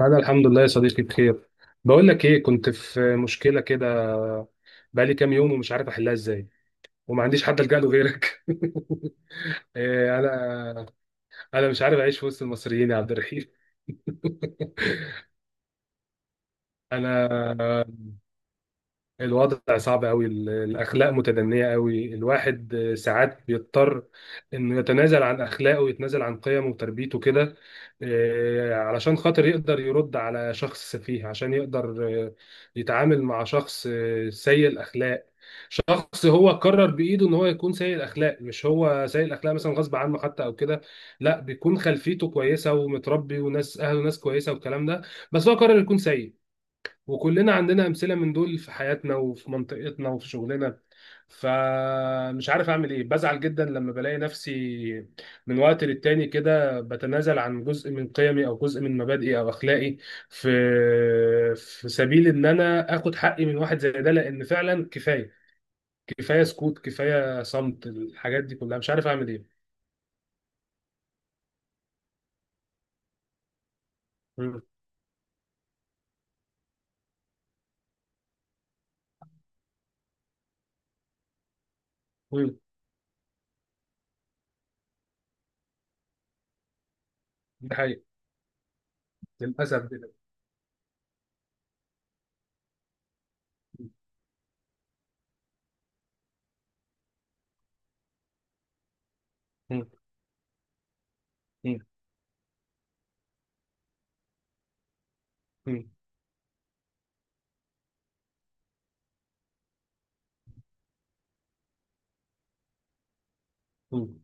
أنا الحمد لله يا صديقي، بخير. بقول لك إيه، كنت في مشكلة كده. بقالي كام يوم ومش عارف أحلها إزاي وما عنديش حد ألجأ له غيرك. إيه، أنا مش عارف أعيش في وسط المصريين يا عبد الرحيم. أنا الوضع صعب قوي، الاخلاق متدنيه قوي. الواحد ساعات بيضطر انه يتنازل عن اخلاقه ويتنازل عن قيمه وتربيته كده. علشان خاطر يقدر يرد على شخص سفيه، عشان يقدر يتعامل مع شخص سيء الاخلاق. شخص هو قرر بايده ان هو يكون سيء الاخلاق، مش هو سيء الاخلاق مثلا غصب عنه حتى او كده. لا، بيكون خلفيته كويسه ومتربي وناس اهله ناس كويسه والكلام ده، بس هو قرر يكون سيء. وكلنا عندنا امثله من دول في حياتنا وفي منطقتنا وفي شغلنا. فمش عارف اعمل ايه، بزعل جدا لما بلاقي نفسي من وقت للتاني كده بتنازل عن جزء من قيمي او جزء من مبادئي او اخلاقي، في في سبيل ان انا اخد حقي من واحد زي ده. لان فعلا كفايه، كفايه سكوت، كفايه صمت. الحاجات دي كلها مش عارف اعمل ايه. مم. مم. ده حقيقي. للاسف ده. مم. مم. مم. مم.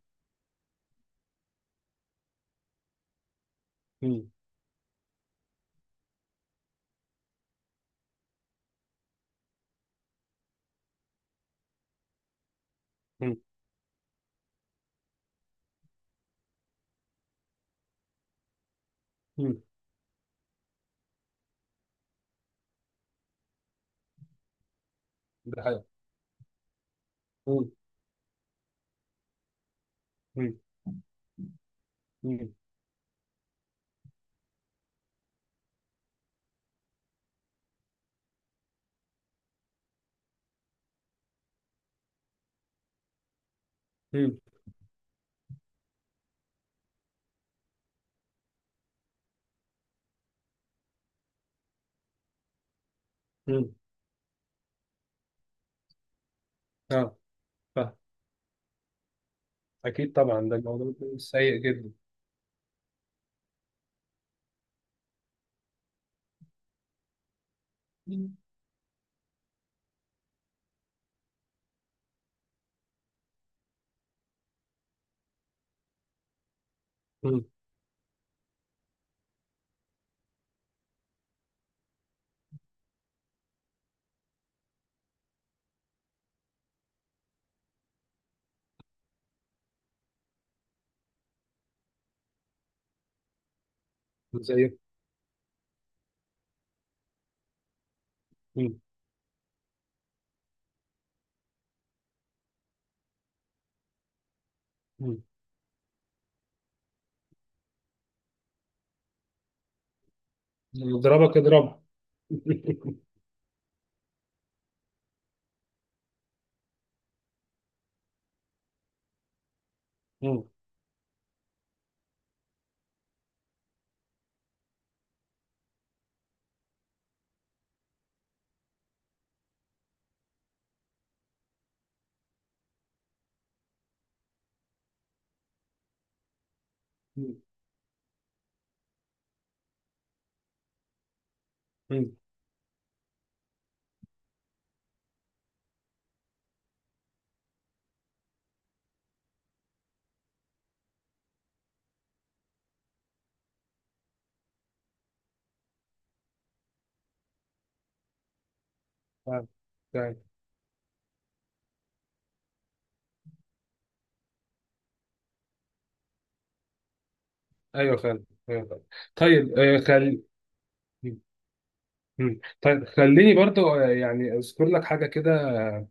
مم. مم. ده حقيقي. مم. مم. مم. مم. اه. فاهم. اكيد طبعا، ده الموضوع بيكون سيء جدا. مم. مم. زي. مم. مم. اللي يضربك اضربه. مم. مم. مم. فاهم. فاهم. ايوه فاهم، أيوة فاهم. طيب آه، خل مم. مم. طيب خليني برضو، يعني اذكر لك حاجه كده. آه،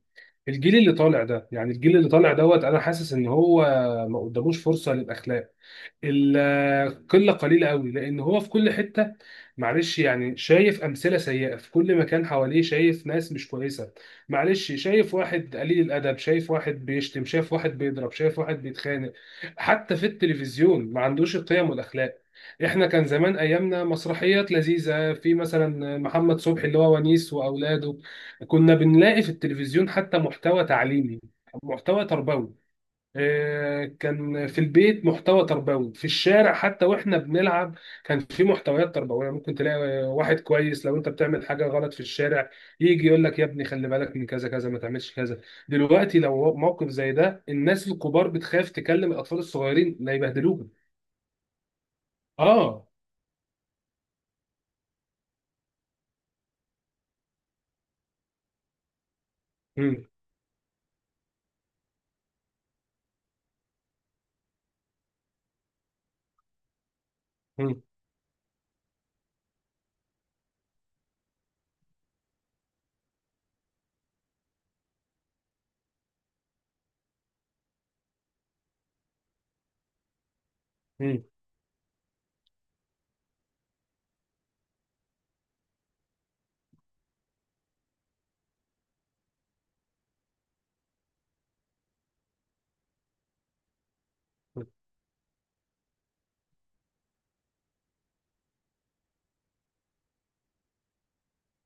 الجيل اللي طالع ده، يعني الجيل اللي طالع دوت، انا حاسس ان هو ما قداموش فرصه للاخلاق. القله قليله قوي، لان هو في كل حته، معلش يعني شايف امثله سيئه في كل مكان حواليه، شايف ناس مش كويسه، معلش شايف واحد قليل الادب، شايف واحد بيشتم، شايف واحد بيضرب، شايف واحد بيتخانق. حتى في التلفزيون ما عندوش القيم والاخلاق. احنا كان زمان ايامنا مسرحيات لذيذه، في مثلا محمد صبحي اللي هو ونيس واولاده. كنا بنلاقي في التلفزيون حتى محتوى تعليمي، محتوى تربوي. كان في البيت محتوى تربوي، في الشارع حتى واحنا بنلعب كان في محتويات تربويه. ممكن تلاقي واحد كويس لو انت بتعمل حاجه غلط في الشارع يجي يقول لك يا ابني خلي بالك من كذا كذا، ما تعملش كذا. دلوقتي لو موقف زي ده، الناس الكبار بتخاف تكلم الاطفال الصغيرين لا يبهدلوهم. اه. مم. مم. مم.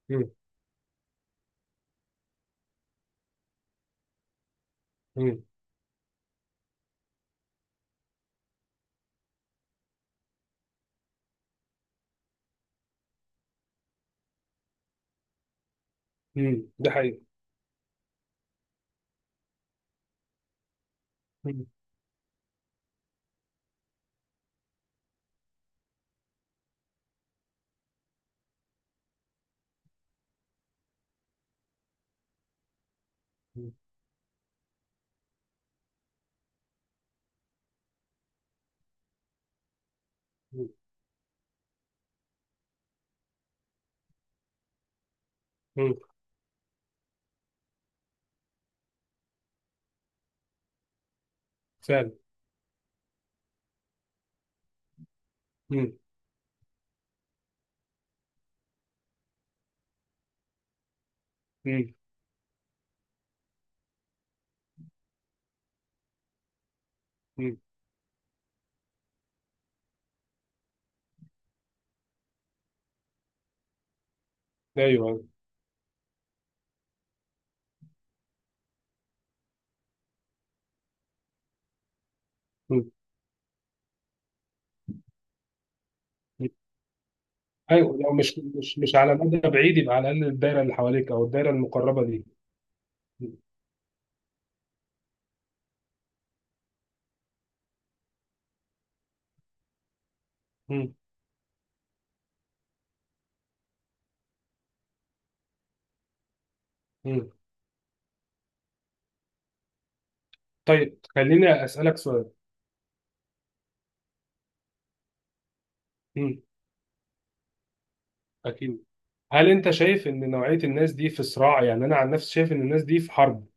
مم. مم. مم. ده حقيقي. مم. مم. مم. فعلا. مم. مم. مم. ايوه. مم. ايوه، لو مش على مدى بعيد يبقى على الاقل الدايره اللي حواليك او الدايره المقربه دي. مم. مم. طيب خليني اسالك سؤال. مم. اكيد. هل انت شايف ان نوعيه الناس دي في صراع؟ يعني انا عن نفسي شايف ان الناس دي في حرب،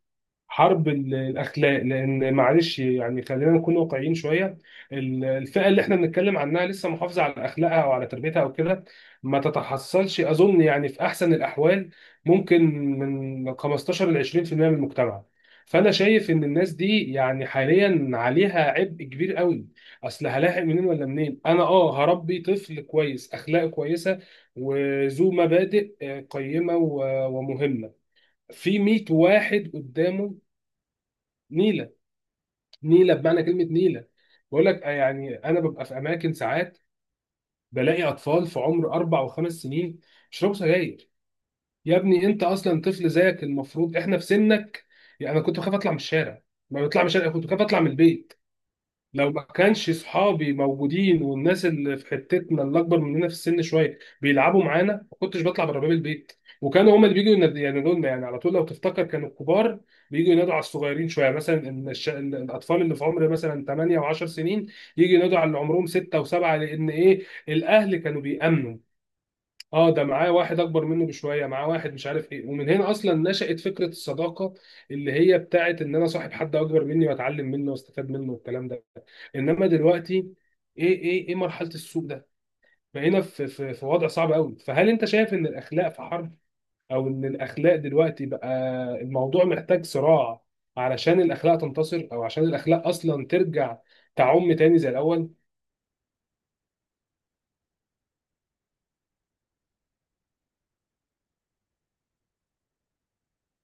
حرب الاخلاق. لان معلش يعني، خلينا نكون واقعيين شويه. الفئه اللي احنا بنتكلم عنها لسه محافظه على اخلاقها او على تربيتها او كده ما تتحصلش اظن، يعني في احسن الاحوال ممكن من 15 ل 20% من المجتمع. فانا شايف ان الناس دي يعني حاليا عليها عبء كبير قوي. اصل هلاحق منين ولا منين؟ انا اه هربي طفل كويس، اخلاقه كويسه وذو مبادئ، قيمه ومهمه، في 100 واحد قدامه نيله. نيله بمعنى كلمه نيله. بقول لك يعني انا ببقى في اماكن ساعات بلاقي اطفال في عمر 4 و5 سنين بيشربوا سجاير. يا ابني انت اصلا طفل، زيك المفروض احنا في سنك. يعني انا كنت بخاف اطلع من الشارع، ما بطلع من الشارع، كنت بخاف اطلع من البيت. لو ما كانش صحابي موجودين والناس اللي في حتتنا اللي اكبر مننا في السن شويه بيلعبوا معانا ما كنتش بطلع بره باب البيت. وكانوا هما اللي بيجوا ينادوا لنا، يعني على طول لو تفتكر، كانوا الكبار بيجوا ينادوا على الصغيرين شويه. مثلا إن الاطفال اللي في عمر مثلا 8 و10 سنين يجوا ينادوا على اللي عمرهم 6 و7. لان ايه؟ الاهل كانوا بيأمنوا، اه ده معاه واحد اكبر منه بشويه، معاه واحد مش عارف ايه. ومن هنا اصلا نشأت فكره الصداقه، اللي هي بتاعت ان انا صاحب حد اكبر مني واتعلم منه واستفاد منه والكلام ده. انما دلوقتي ايه مرحله السوق ده، بقينا في وضع صعب قوي. فهل انت شايف ان الاخلاق في حرب؟ او ان الاخلاق دلوقتي بقى الموضوع محتاج صراع علشان الاخلاق تنتصر، او عشان الاخلاق اصلا ترجع تعم تاني زي الاول؟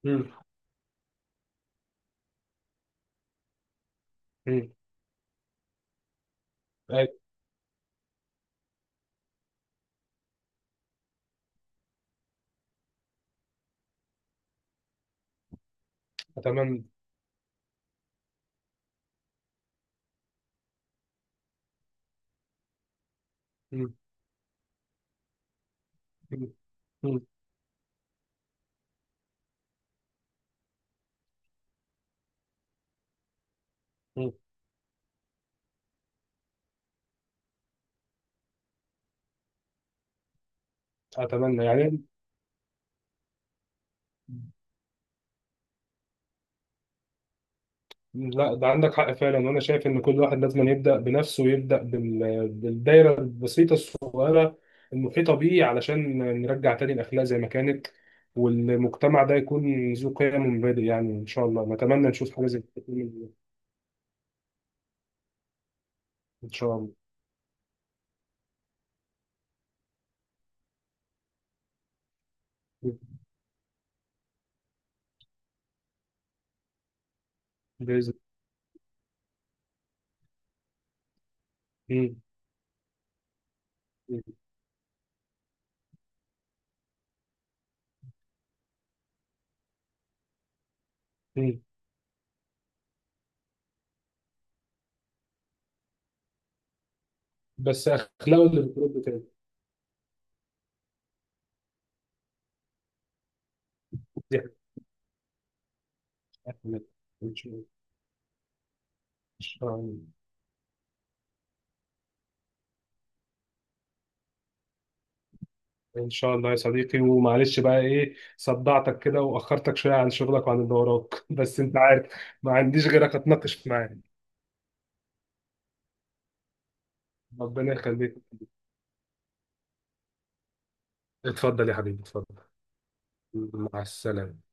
امم. امم. اتمنى. مم. مم. مم. اتمنى يعني. لا، ده عندك حق فعلا، وانا شايف ان كل واحد لازم يبدا بنفسه ويبدا بالدايره البسيطه الصغيره المحيطه بيه، علشان نرجع تاني الاخلاق زي ما كانت والمجتمع ده يكون ذو قيم ومبادئ. يعني ان شاء الله نتمنى نشوف حاجه زي كده. ان شاء الله. باذن الله. مم. مم. بس اخلاقه اللي بترد تاني دي حاجة. ان شاء الله. إن شاء الله. ان شاء الله يا صديقي، ومعلش بقى ايه صدعتك كده واخرتك شويه عن شغلك وعن اللي وراك. بس انت عارف ما عنديش غيرك اتناقش معاه. ربنا يخليك. اتفضل يا حبيبي، اتفضل. مع السلامه.